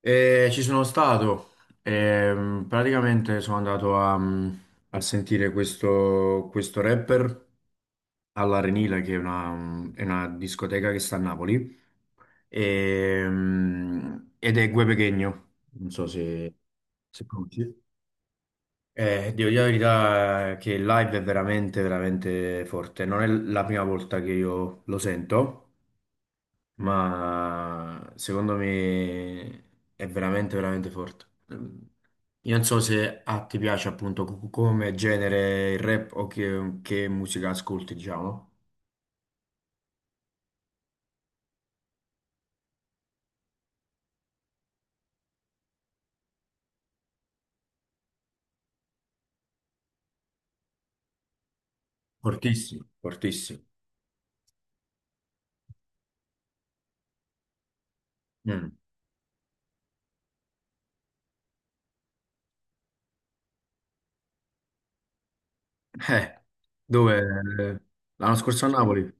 E ci sono stato, praticamente sono andato a sentire questo rapper all'Arenile, che è è una discoteca che sta a Napoli, ed è Gue Pequeno, non so se conosci. Devo dire la verità che il live è veramente forte. Non è la prima volta che io lo sento, ma secondo me è veramente forte. Mm, Io non so se a te piace appunto come genere il rap che musica ascolti, diciamo. Fortissimo, fortissimo. Mm. Eh, dove? L'anno scorso a Napoli?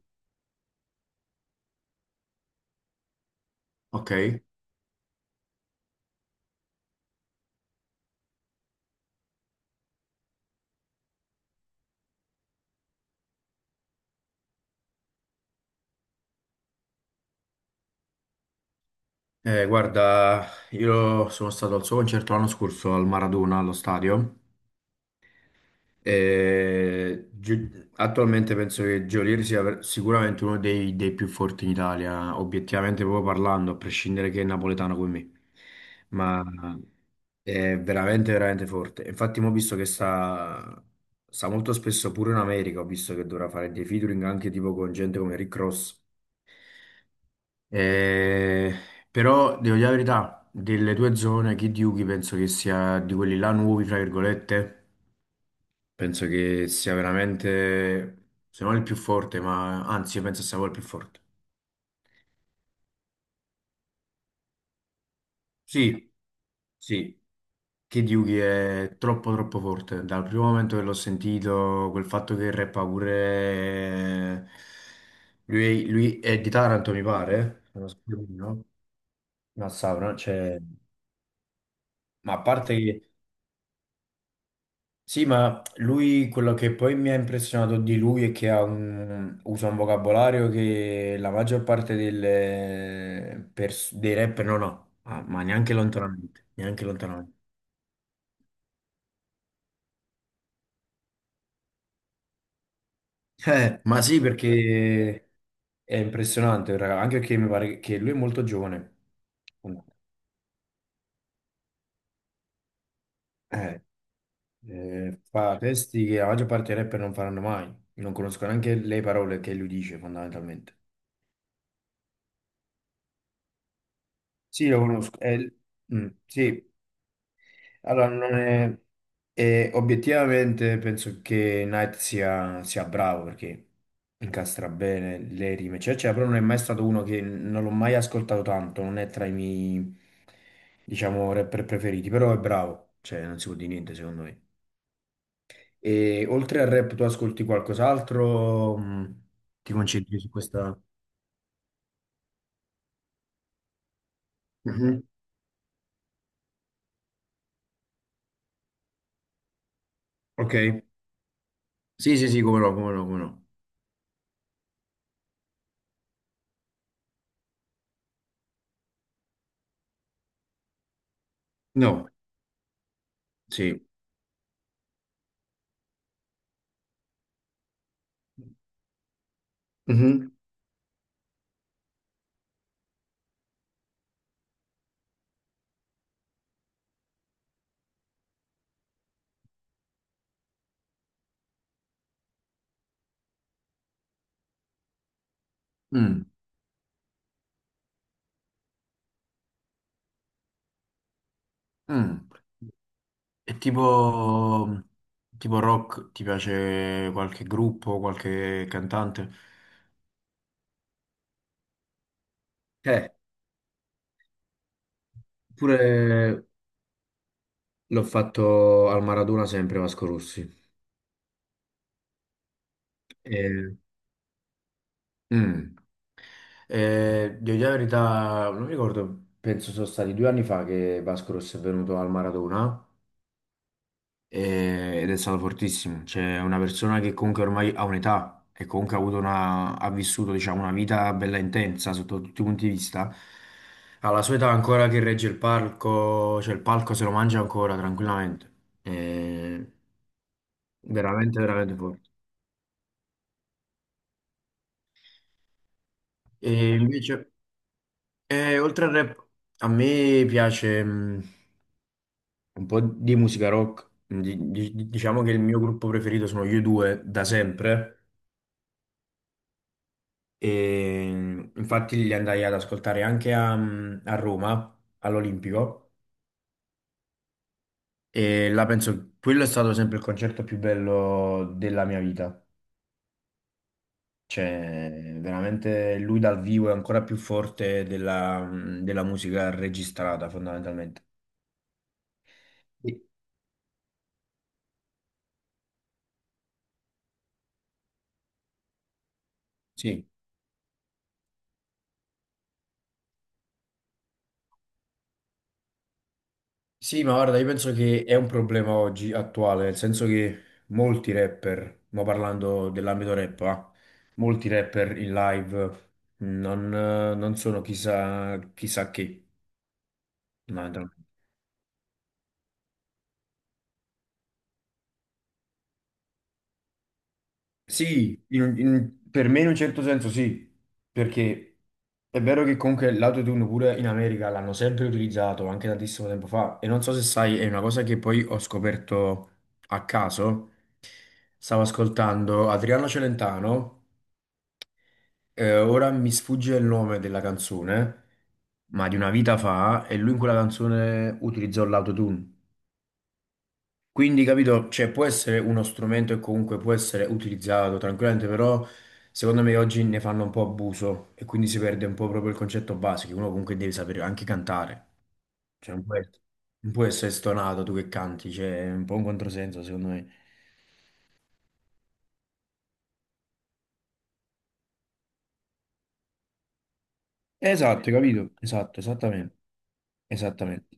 Ok. Guarda, io sono stato al suo concerto l'anno scorso al Maradona, allo stadio. E attualmente penso che Geolier sia sicuramente uno dei più forti in Italia, obiettivamente proprio parlando, a prescindere che è napoletano come me, ma è veramente forte. Infatti, mo ho visto che sta molto spesso pure in America, ho visto che dovrà fare dei featuring anche tipo con gente come Rick Ross. Eh, Però devo dire la verità, delle due zone, Kid Yugi penso che sia di quelli là nuovi, fra virgolette. Penso che sia veramente, se non il più forte, ma anzi, io penso sia quello il più forte. Sì, sì, Kid Yugi è troppo forte. Dal primo momento che l'ho sentito, quel fatto che rappa pure... Lui è di Taranto, mi pare, se non sbaglio, no? No, Savona, cioè... Ma a parte sì, ma lui, quello che poi mi ha impressionato di lui è che ha usa un vocabolario che la maggior parte dei rapper non ha. Ah, ma neanche lontanamente, neanche lontanamente. Ma sì, perché è impressionante, raga, anche perché mi pare che lui è molto giovane. Eh, Fa testi che la maggior parte dei rapper non faranno mai, non conosco neanche le parole che lui dice fondamentalmente. Sì, lo conosco. Sì. Allora, non è... e obiettivamente penso che Knight sia bravo perché incastra bene le rime, cioè, però non è mai stato uno, che non l'ho mai ascoltato tanto, non è tra i miei, diciamo, rapper preferiti, però è bravo, cioè non si può dire niente secondo me. E oltre al rap tu ascolti qualcos'altro? Mh, ti concentri su questa... Mhm, ok. Sì, sì, sì, come no, come no, come no. No, sì. Mhm, mm, mm. E tipo, tipo rock, ti piace qualche gruppo, qualche cantante? Eh, pure l'ho fatto al Maradona sempre Vasco Rossi. Eh, mm. Devo dire la verità, non mi ricordo, penso sono stati due anni fa che Vasco Rossi è venuto al Maradona, ed è stato fortissimo. Cioè, una persona che comunque ormai ha un'età e comunque ha avuto ha vissuto, diciamo, una vita bella intensa sotto tutti i punti di vista. Alla sua età ancora che regge il palco, cioè il palco se lo mangia ancora tranquillamente. È veramente, veramente forte. E invece, oltre al rap, a me piace un po' di musica rock. Diciamo che il mio gruppo preferito sono gli U2 da sempre. E infatti li andai ad ascoltare anche a Roma, all'Olimpico, e là penso quello è stato sempre il concerto più bello della mia vita. Cioè, veramente lui dal vivo è ancora più forte della musica registrata, fondamentalmente. Sì, sì. Sì, ma guarda, io penso che è un problema oggi attuale, nel senso che molti rapper, ma parlando dell'ambito rap, ah, molti rapper in live non, non sono chissà che. Fondamentalmente. Sì, per me in un certo senso sì, perché è vero che comunque l'autotune pure in America l'hanno sempre utilizzato, anche tantissimo tempo fa, e non so se sai, è una cosa che poi ho scoperto a caso, stavo ascoltando Adriano Celentano. Ora mi sfugge il nome della canzone, ma di una vita fa, e lui in quella canzone utilizzò l'autotune. Quindi, capito, cioè, può essere uno strumento e comunque può essere utilizzato tranquillamente, però secondo me oggi ne fanno un po' abuso e quindi si perde un po' proprio il concetto basico, che uno comunque deve sapere anche cantare. Cioè, non può essere stonato tu che canti, cioè, è un po' un controsenso, secondo me. Esatto, hai capito? Esatto, esattamente. Esattamente.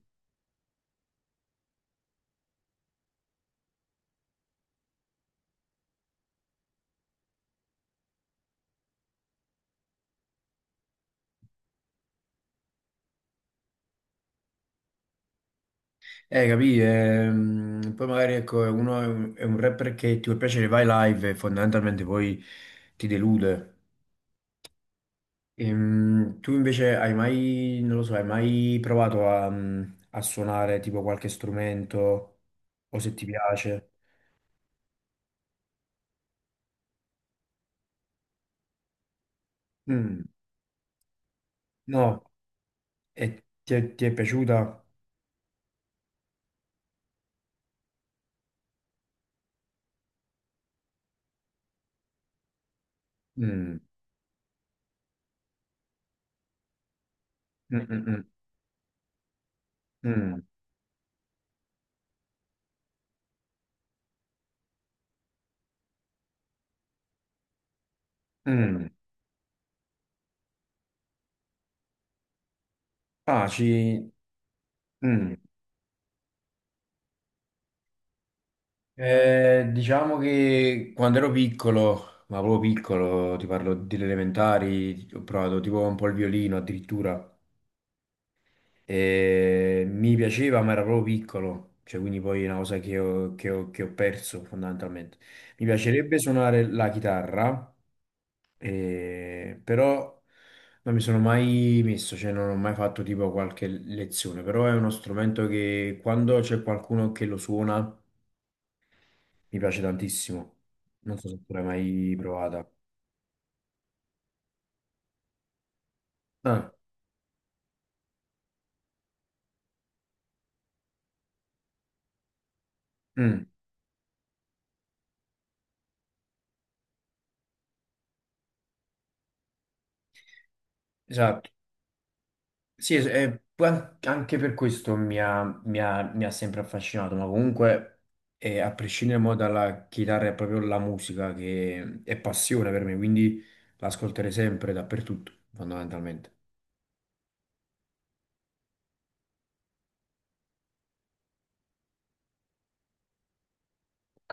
Capì? Poi magari ecco, uno è è un rapper che ti può piacere, vai live e fondamentalmente poi ti delude. Tu invece hai mai, non lo so, hai mai provato a suonare tipo qualche strumento o se ti piace? Mm, no, e ti ti è piaciuta? Mm, mm, mm, mm, mm, mm. Ah, ci... mm. Diciamo che quando ero piccolo, ma proprio piccolo, ti parlo delle elementari, ho provato tipo un po' il violino addirittura. E mi piaceva, ma era proprio piccolo, cioè quindi poi è una cosa che che ho perso fondamentalmente. Mi piacerebbe suonare la chitarra, però non mi sono mai messo, cioè non ho mai fatto tipo qualche lezione, però è uno strumento che quando c'è qualcuno che lo suona mi piace tantissimo. Non so se tu l'hai mai provata. Ah, mm, esatto. Sì, poi anche per questo mi ha sempre affascinato, ma comunque a prescindere mo dalla chitarra è proprio la musica che è passione per me, quindi l'ascolterei sempre dappertutto, fondamentalmente.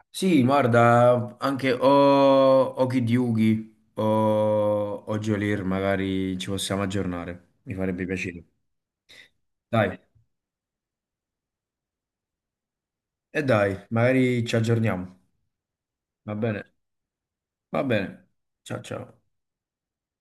Sì, guarda, anche o Kid Yugi o Geolier, magari ci possiamo aggiornare, mi farebbe piacere. Dai. E dai, magari ci aggiorniamo. Va bene, va bene. Ciao ciao.